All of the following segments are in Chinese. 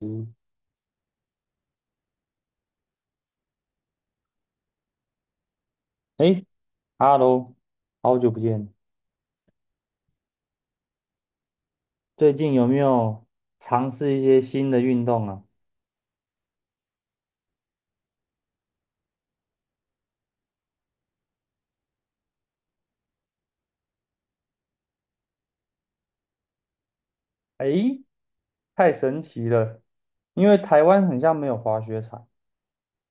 嗯。哎，Hello，好久不见。最近有没有尝试一些新的运动啊？哎，太神奇了，因为台湾很像没有滑雪场，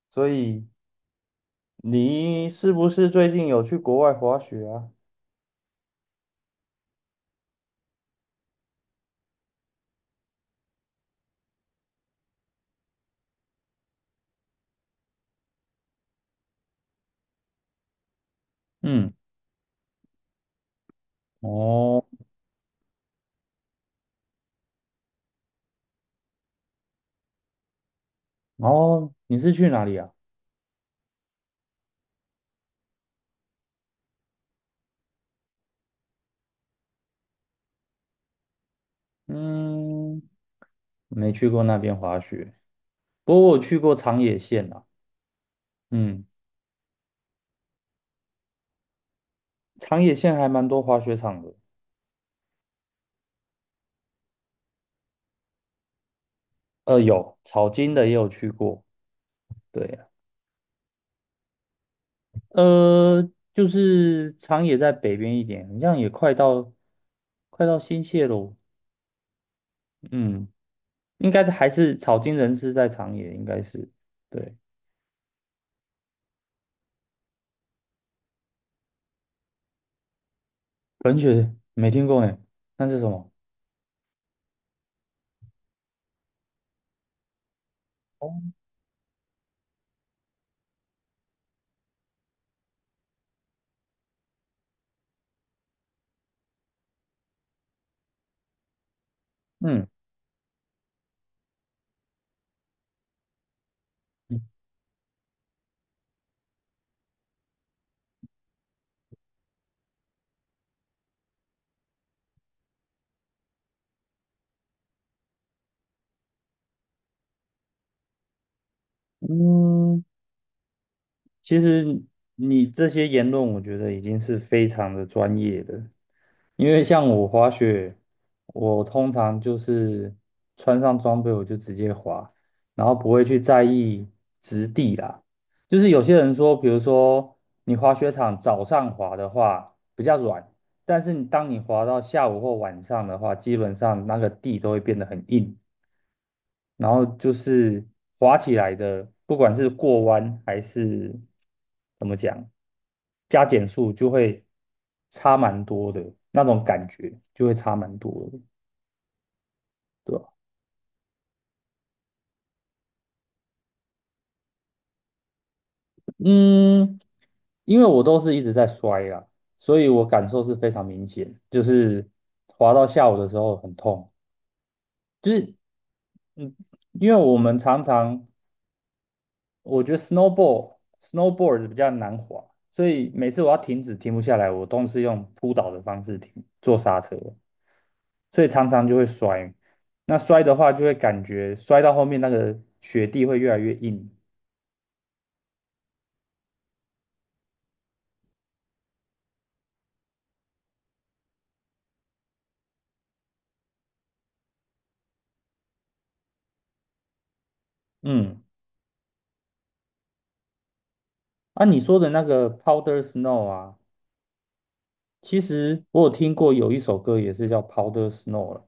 所以你是不是最近有去国外滑雪啊？嗯。哦。哦，你是去哪里啊？嗯。没去过那边滑雪，不过我去过长野县啊。嗯。长野县还蛮多滑雪场的。有草金的也有去过。对啊。呃，就是长野在北边一点，好像也快到快到新泻喽。嗯。应该还是草津人是在长野，应该是对。冷血没听过呢，那是什么？嗯嗯，其实你这些言论，我觉得已经是非常的专业的。因为像我滑雪，我通常就是穿上装备我就直接滑，然后不会去在意质地啦。就是有些人说，比如说你滑雪场早上滑的话比较软，但是你当你滑到下午或晚上的话，基本上那个地都会变得很硬。然后就是滑起来的，不管是过弯还是怎么讲，加减速就会差蛮多的，那种感觉就会差蛮多的，对吧？嗯，因为我都是一直在摔啦，所以我感受是非常明显，就是滑到下午的时候很痛。就是嗯，因为我们常常我觉得 snowboard 比较难滑，所以每次我要停止停不下来，我都是用扑倒的方式停，做刹车，所以常常就会摔。那摔的话，就会感觉摔到后面那个雪地会越来越硬。嗯，啊，你说的那个 powder snow 啊，其实我有听过有一首歌也是叫 powder snow 了。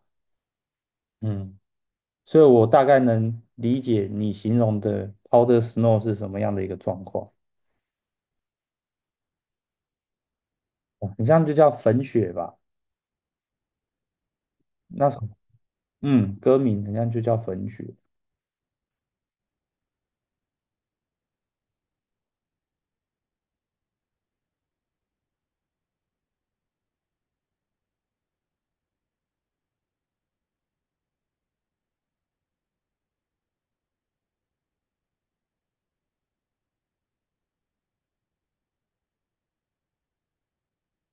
嗯，所以我大概能理解你形容的 powder snow 是什么样的一个状况。哦很像就叫粉雪吧。那时嗯，歌名好像就叫粉雪。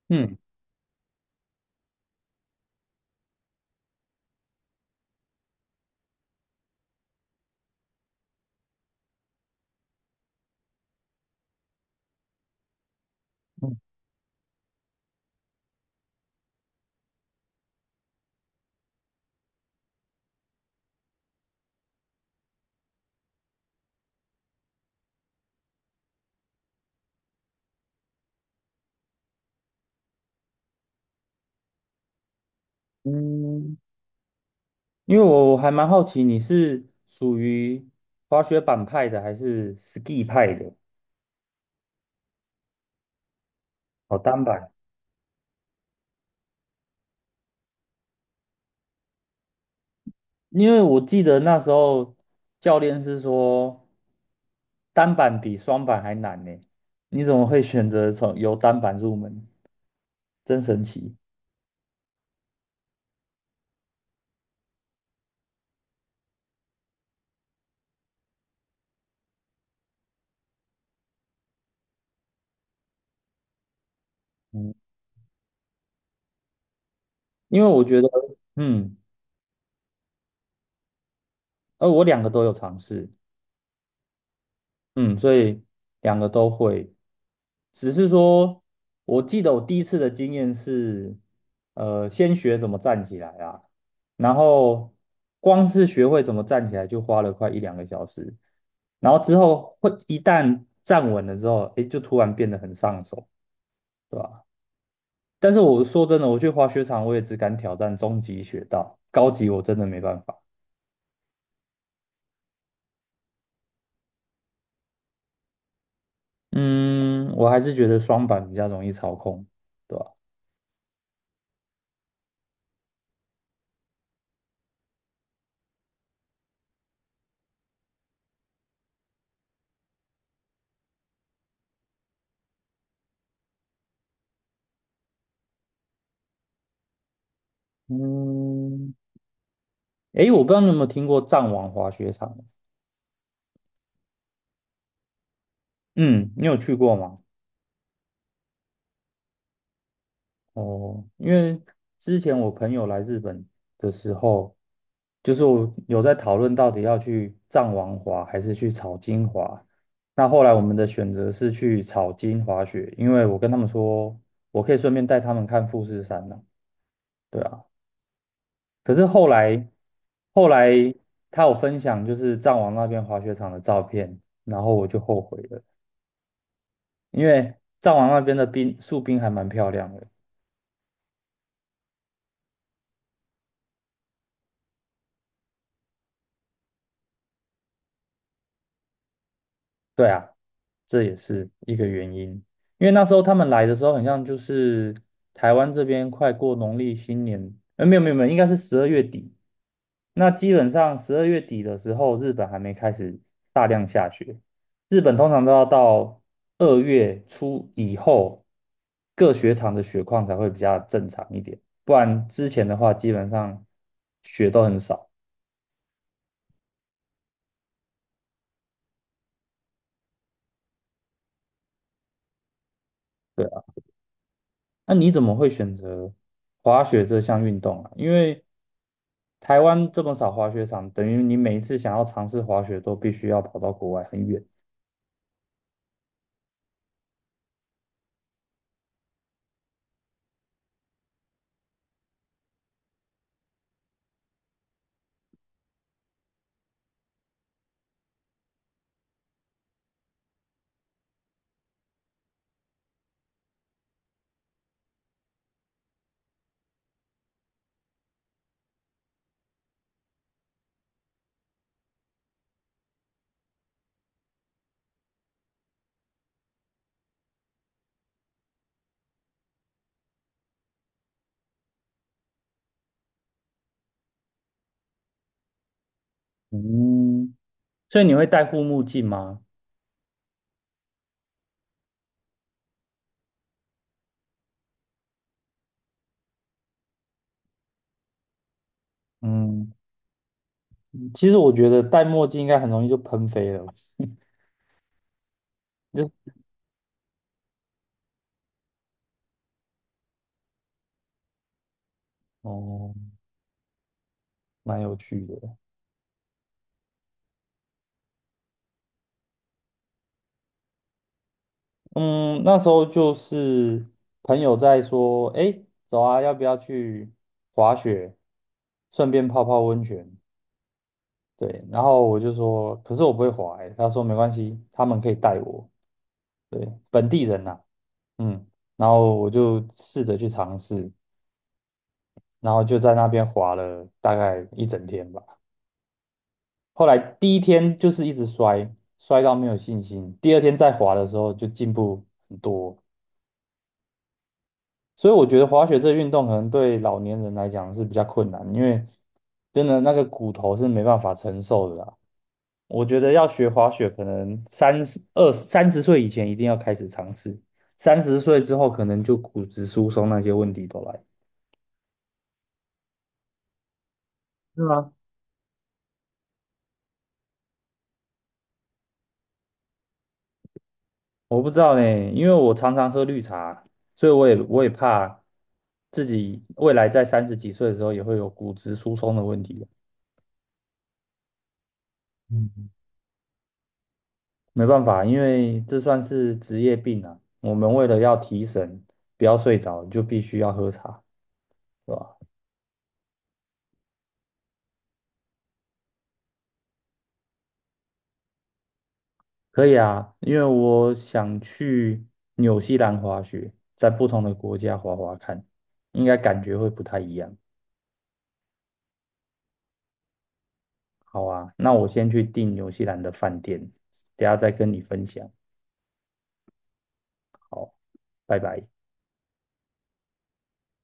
嗯。嗯，嗯，因为我还蛮好奇你是属于滑雪板派的还是 ski 派的？哦，单板。因为我记得那时候教练是说单板比双板还难呢，你怎么会选择从由单板入门？真神奇。嗯，因为我觉得，嗯，我两个都有尝试。嗯，所以两个都会。只是说，我记得我第一次的经验是，先学怎么站起来啊，然后光是学会怎么站起来就花了快1~2个小时，然后之后会一旦站稳了之后，诶，就突然变得很上手，对吧？但是我说真的，我去滑雪场，我也只敢挑战中级雪道，高级我真的没办法。嗯，我还是觉得双板比较容易操控，对吧？嗯，诶，我不知道你有没有听过藏王滑雪场啊。嗯，你有去过吗？哦，因为之前我朋友来日本的时候，就是我有在讨论到底要去藏王滑还是去草金滑。那后来我们的选择是去草金滑雪，因为我跟他们说，我可以顺便带他们看富士山呢、对啊，可是后来他有分享就是藏王那边滑雪场的照片，然后我就后悔了，因为藏王那边的冰树冰还蛮漂亮的。对啊，这也是一个原因。因为那时候他们来的时候，很像就是台湾这边快过农历新年，没有没有没有，应该是十二月底。那基本上十二月底的时候，日本还没开始大量下雪。日本通常都要到2月初以后，各雪场的雪况才会比较正常一点，不然之前的话，基本上雪都很少。对。那你怎么会选择滑雪这项运动啊？因为台湾这么少滑雪场，等于你每一次想要尝试滑雪都必须要跑到国外很远。嗯，所以你会戴护目镜吗？嗯，其实我觉得戴墨镜应该很容易就喷飞了。就哦，蛮有趣的。嗯，那时候就是朋友在说，哎，走啊，要不要去滑雪，顺便泡泡温泉？对，然后我就说，可是我不会滑欸，他说没关系，他们可以带我，对，本地人呐、嗯，然后我就试着去尝试，然后就在那边滑了大概一整天吧。后来第一天就是一直摔，摔到没有信心，第二天再滑的时候就进步很多。所以我觉得滑雪这个运动可能对老年人来讲是比较困难，因为真的那个骨头是没办法承受的啦。我觉得要学滑雪，可能三十二、三十岁以前一定要开始尝试，三十岁之后可能就骨质疏松那些问题都来。是吗？我不知道呢，因为我常常喝绿茶，所以我也怕自己未来在30几岁的时候也会有骨质疏松的问题。嗯，没办法，因为这算是职业病啊。我们为了要提神，不要睡着，就必须要喝茶，对吧？可以啊，因为我想去纽西兰滑雪，在不同的国家滑滑看，应该感觉会不太一样。好啊，那我先去订纽西兰的饭店，等下再跟你分享。拜拜。